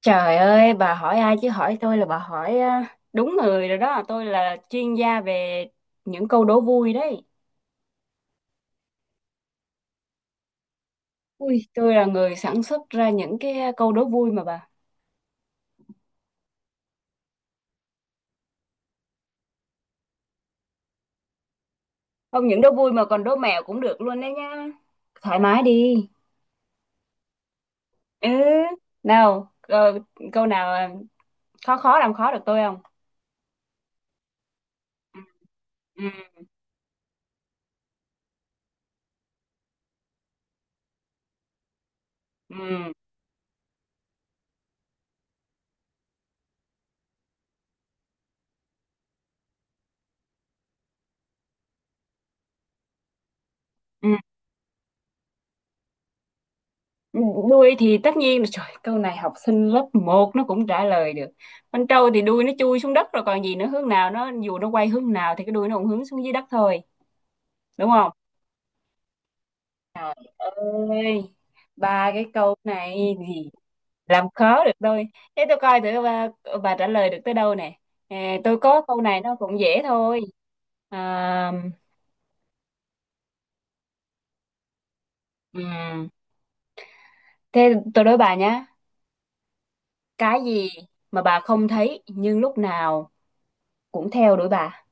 Trời ơi, bà hỏi ai chứ hỏi tôi là bà hỏi à, đúng người rồi đó. Tôi là chuyên gia về những câu đố vui đấy. Ui, tôi là người sản xuất ra những cái câu đố vui mà bà. Không những đố vui mà còn đố mẹo cũng được luôn đấy nha. Thoải mái đi. Ừ, nào, câu nào à, khó khó làm khó được tôi không? Ừ, ừ, ừ. Đuôi thì tất nhiên là trời, câu này học sinh lớp một nó cũng trả lời được. Con trâu thì đuôi nó chui xuống đất rồi còn gì nữa, hướng nào nó, dù nó quay hướng nào thì cái đuôi nó cũng hướng xuống dưới đất thôi, đúng không? Ơi, ba cái câu này thì làm khó được tôi. Thế tôi coi thử bà trả lời được tới đâu nè. À, tôi có câu này nó cũng dễ thôi. À, ừm. Thế tôi đố bà nhá, cái gì mà bà không thấy nhưng lúc nào cũng theo đuổi bà?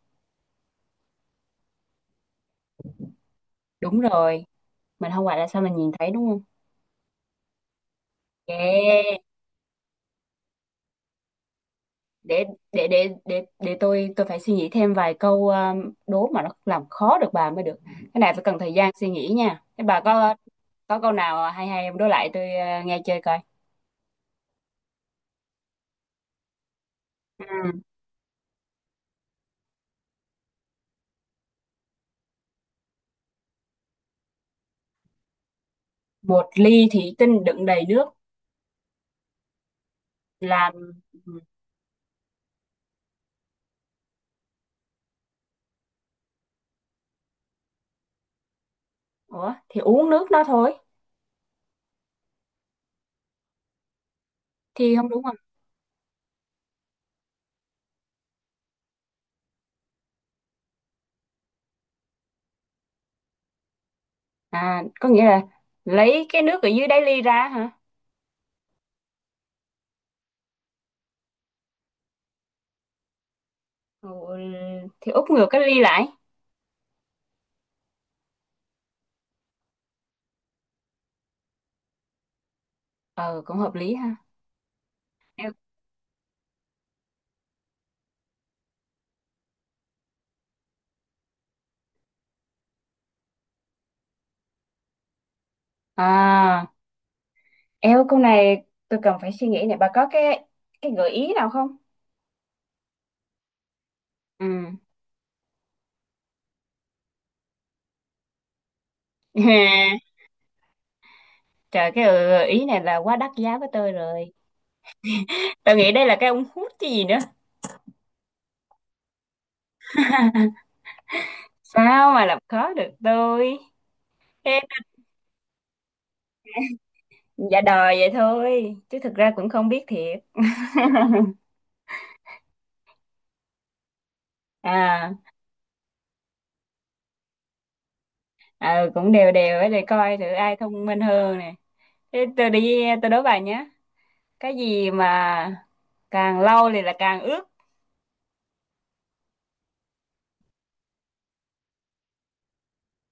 Đúng rồi. Mình không gọi là sao mình nhìn thấy, đúng không? Yeah. để để tôi phải suy nghĩ thêm vài câu đố mà nó làm khó được bà mới được. Cái này phải cần thời gian suy nghĩ nha. Thế bà có câu nào hay hay em đố lại tôi, nghe chơi coi. Ừ. Một ly thủy tinh đựng đầy nước, làm ừ. Ủa thì uống nước nó thôi, thì không đúng không? À có nghĩa là lấy cái nước ở dưới đáy ly ra hả? Ừ, thì úp ngược cái ly lại. Ờ cũng hợp lý ha. À, eo câu này tôi cần phải suy nghĩ này. Bà có cái gợi ý nào không? Ừ. Trời, cái gợi ý này là quá đắt giá với tôi rồi. Tôi nghĩ đây là cái ống hút chứ gì nữa. Sao mà làm khó được tôi? Em dạ đòi vậy thôi, chứ thực ra cũng không biết thiệt. À, ờ, cũng đều đều ấy để coi thử ai thông minh hơn nè. Thế tôi đi tôi đố bà nhé. Cái gì mà càng lâu thì là càng ướt.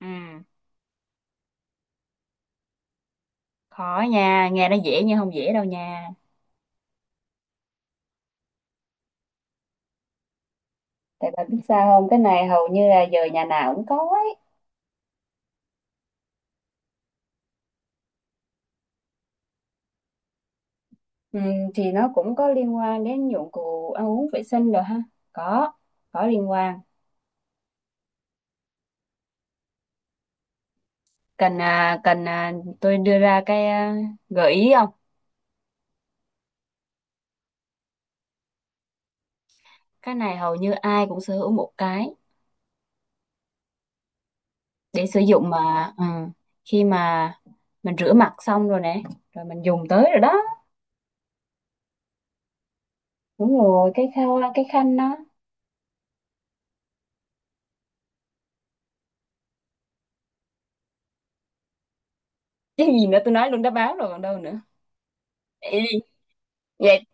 Ừ, khó nha, nghe nó dễ nhưng không dễ đâu nha. Tại bà biết sao không? Cái này hầu như là giờ nhà nào cũng có ấy. Ừ, thì nó cũng có liên quan đến dụng cụ ăn uống vệ sinh rồi ha. Có, có liên quan. Cần à, cần à, tôi đưa ra cái gợi ý không? Cái này hầu như ai cũng sở hữu một cái để sử dụng mà khi mà mình rửa mặt xong rồi nè, rồi mình dùng tới rồi đó. Đúng rồi, cái khăn đó. Chứ gì nữa tôi nói luôn đáp án rồi còn đâu nữa. Ê, vậy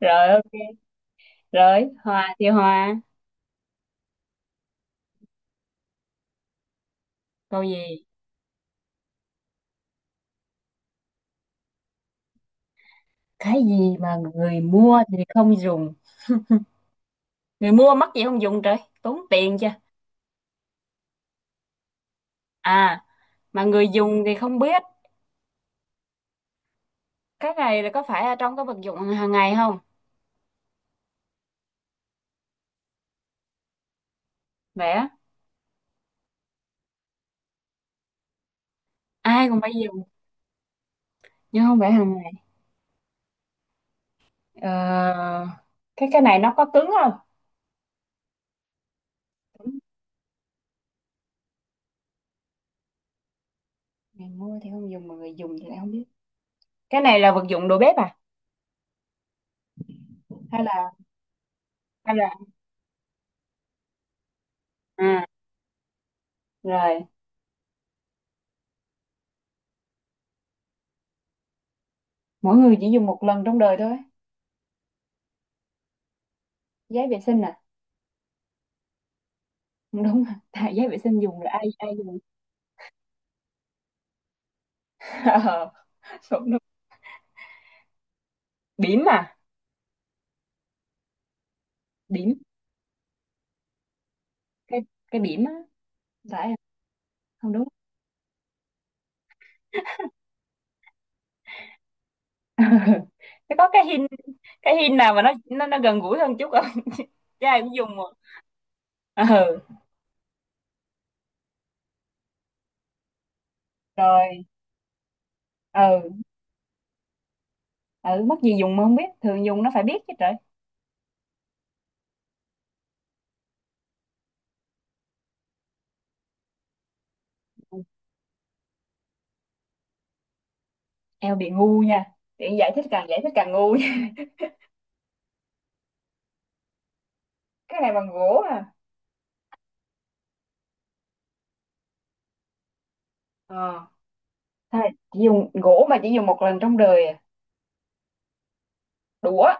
rồi ok. Rồi, hòa thì hòa. Câu gì? Cái gì mà người mua thì không dùng? Người mua mắc gì không dùng trời, tốn tiền chưa. À mà người dùng thì không biết. Cái này là có phải ở trong cái vật dụng hàng ngày không? Vẽ, ai cũng phải dùng nhưng không phải hàng ngày. Ờ, cái này nó có cứng không? Cứng. Người mua thì không dùng mà người dùng thì lại không biết. Cái này là vật dụng đồ bếp à? Hay là, hay là, à rồi. Mỗi người chỉ dùng một lần trong đời thôi? Giấy vệ sinh à? Không đúng. À tại giấy vệ sinh dùng rồi ai ai dùng. Ờ, cũng đúng. Bỉm à? Bỉm, cái cái bỉm á, phải không? Đúng. Thế có cái hin, cái hin nào mà nó gần gũi hơn chút không? Chứ ai cũng dùng mà. Ừ rồi, ừ, ừ mất gì dùng mà không biết, thường dùng nó phải biết chứ trời. Eo bị ngu nha, tiện giải thích càng ngu nha. Cái này bằng gỗ à? Ờ thôi, chỉ dùng gỗ mà chỉ dùng một lần trong đời à? Đũa.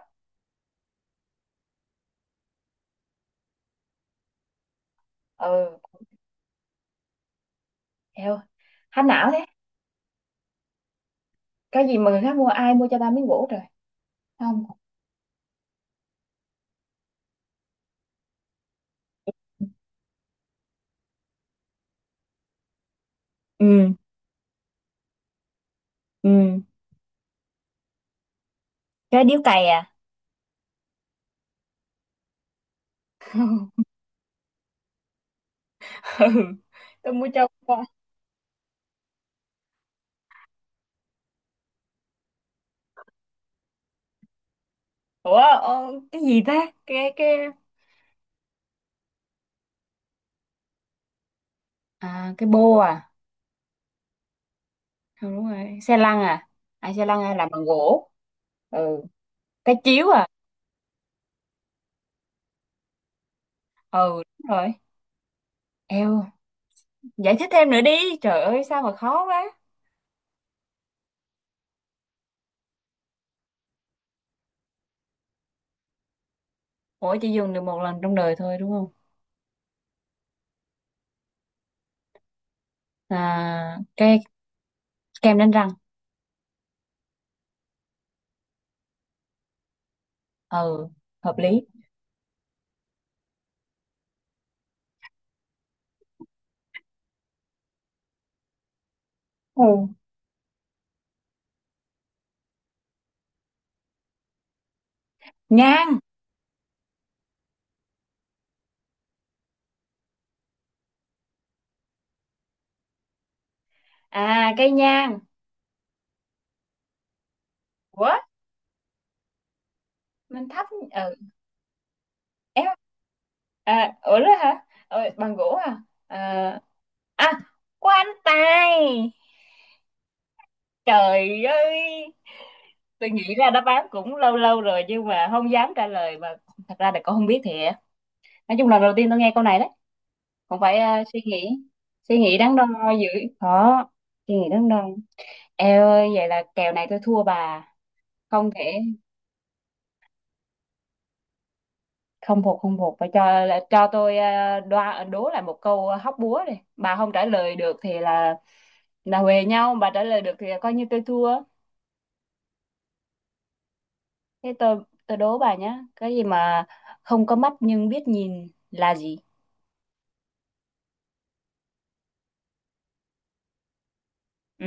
Ừ, eo hát não thế. Cái gì mà người khác mua? Ai mua cho ta miếng gỗ trời. Không. Ừ, ừ. Cái điếu cày à? Ừ tôi mua cho con. Ủa cái gì ta, cái, à cái bô à? Ừ, đúng rồi xe lăn à? À xe lăn à, làm bằng gỗ? Ừ. Cái chiếu à? Ừ đúng rồi. Eo, giải thích thêm nữa đi, trời ơi sao mà khó quá. Ủa chỉ dùng được một lần trong đời thôi đúng không? À cái kem đánh răng. Ừ hợp lý. Ừ nhang. À cây nhang. Ủa mình thắp. Ừ em, à ủa đó hả? Ờ, bằng gỗ à? À, à, quan tài. Trời ơi. Tôi nghĩ ra đáp án cũng lâu lâu rồi nhưng mà không dám trả lời mà, thật ra là con không biết thiệt. Nói chung là đầu tiên tôi nghe câu này đấy. Cũng phải suy nghĩ đắn đo dữ. Khó, suy nghĩ đắn đo. Eo ơi vậy là kèo này tôi thua bà. Không thể, không phục không phục, phải cho tôi đoa đố lại một câu hóc búa đi, bà không trả lời được thì là huề nhau, bà trả lời được thì là coi như tôi thua. Thế tôi đố bà nhé, cái gì mà không có mắt nhưng biết nhìn là gì? Ừ.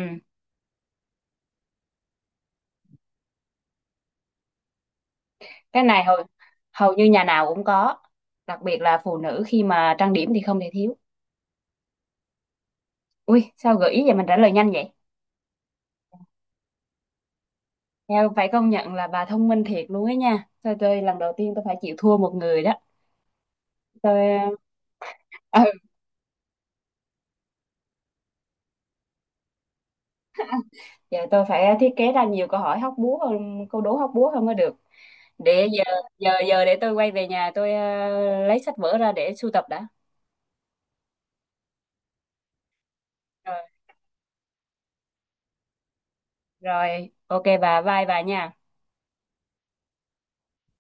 Cái này hầu, hầu như nhà nào cũng có, đặc biệt là phụ nữ khi mà trang điểm thì không thể thiếu. Ui sao gợi ý vậy mình trả lời nhanh vậy. Em phải công nhận là bà thông minh thiệt luôn ấy nha, thôi tôi lần đầu tiên tôi phải chịu thua một người đó. Tôi giờ tôi phải thiết kế ra nhiều câu hỏi hóc búa hơn, câu đố hóc búa hơn mới được. Để giờ giờ giờ để tôi quay về nhà tôi lấy sách vở ra để sưu tập đã. Rồi, rồi, ok bà, bye bà nha.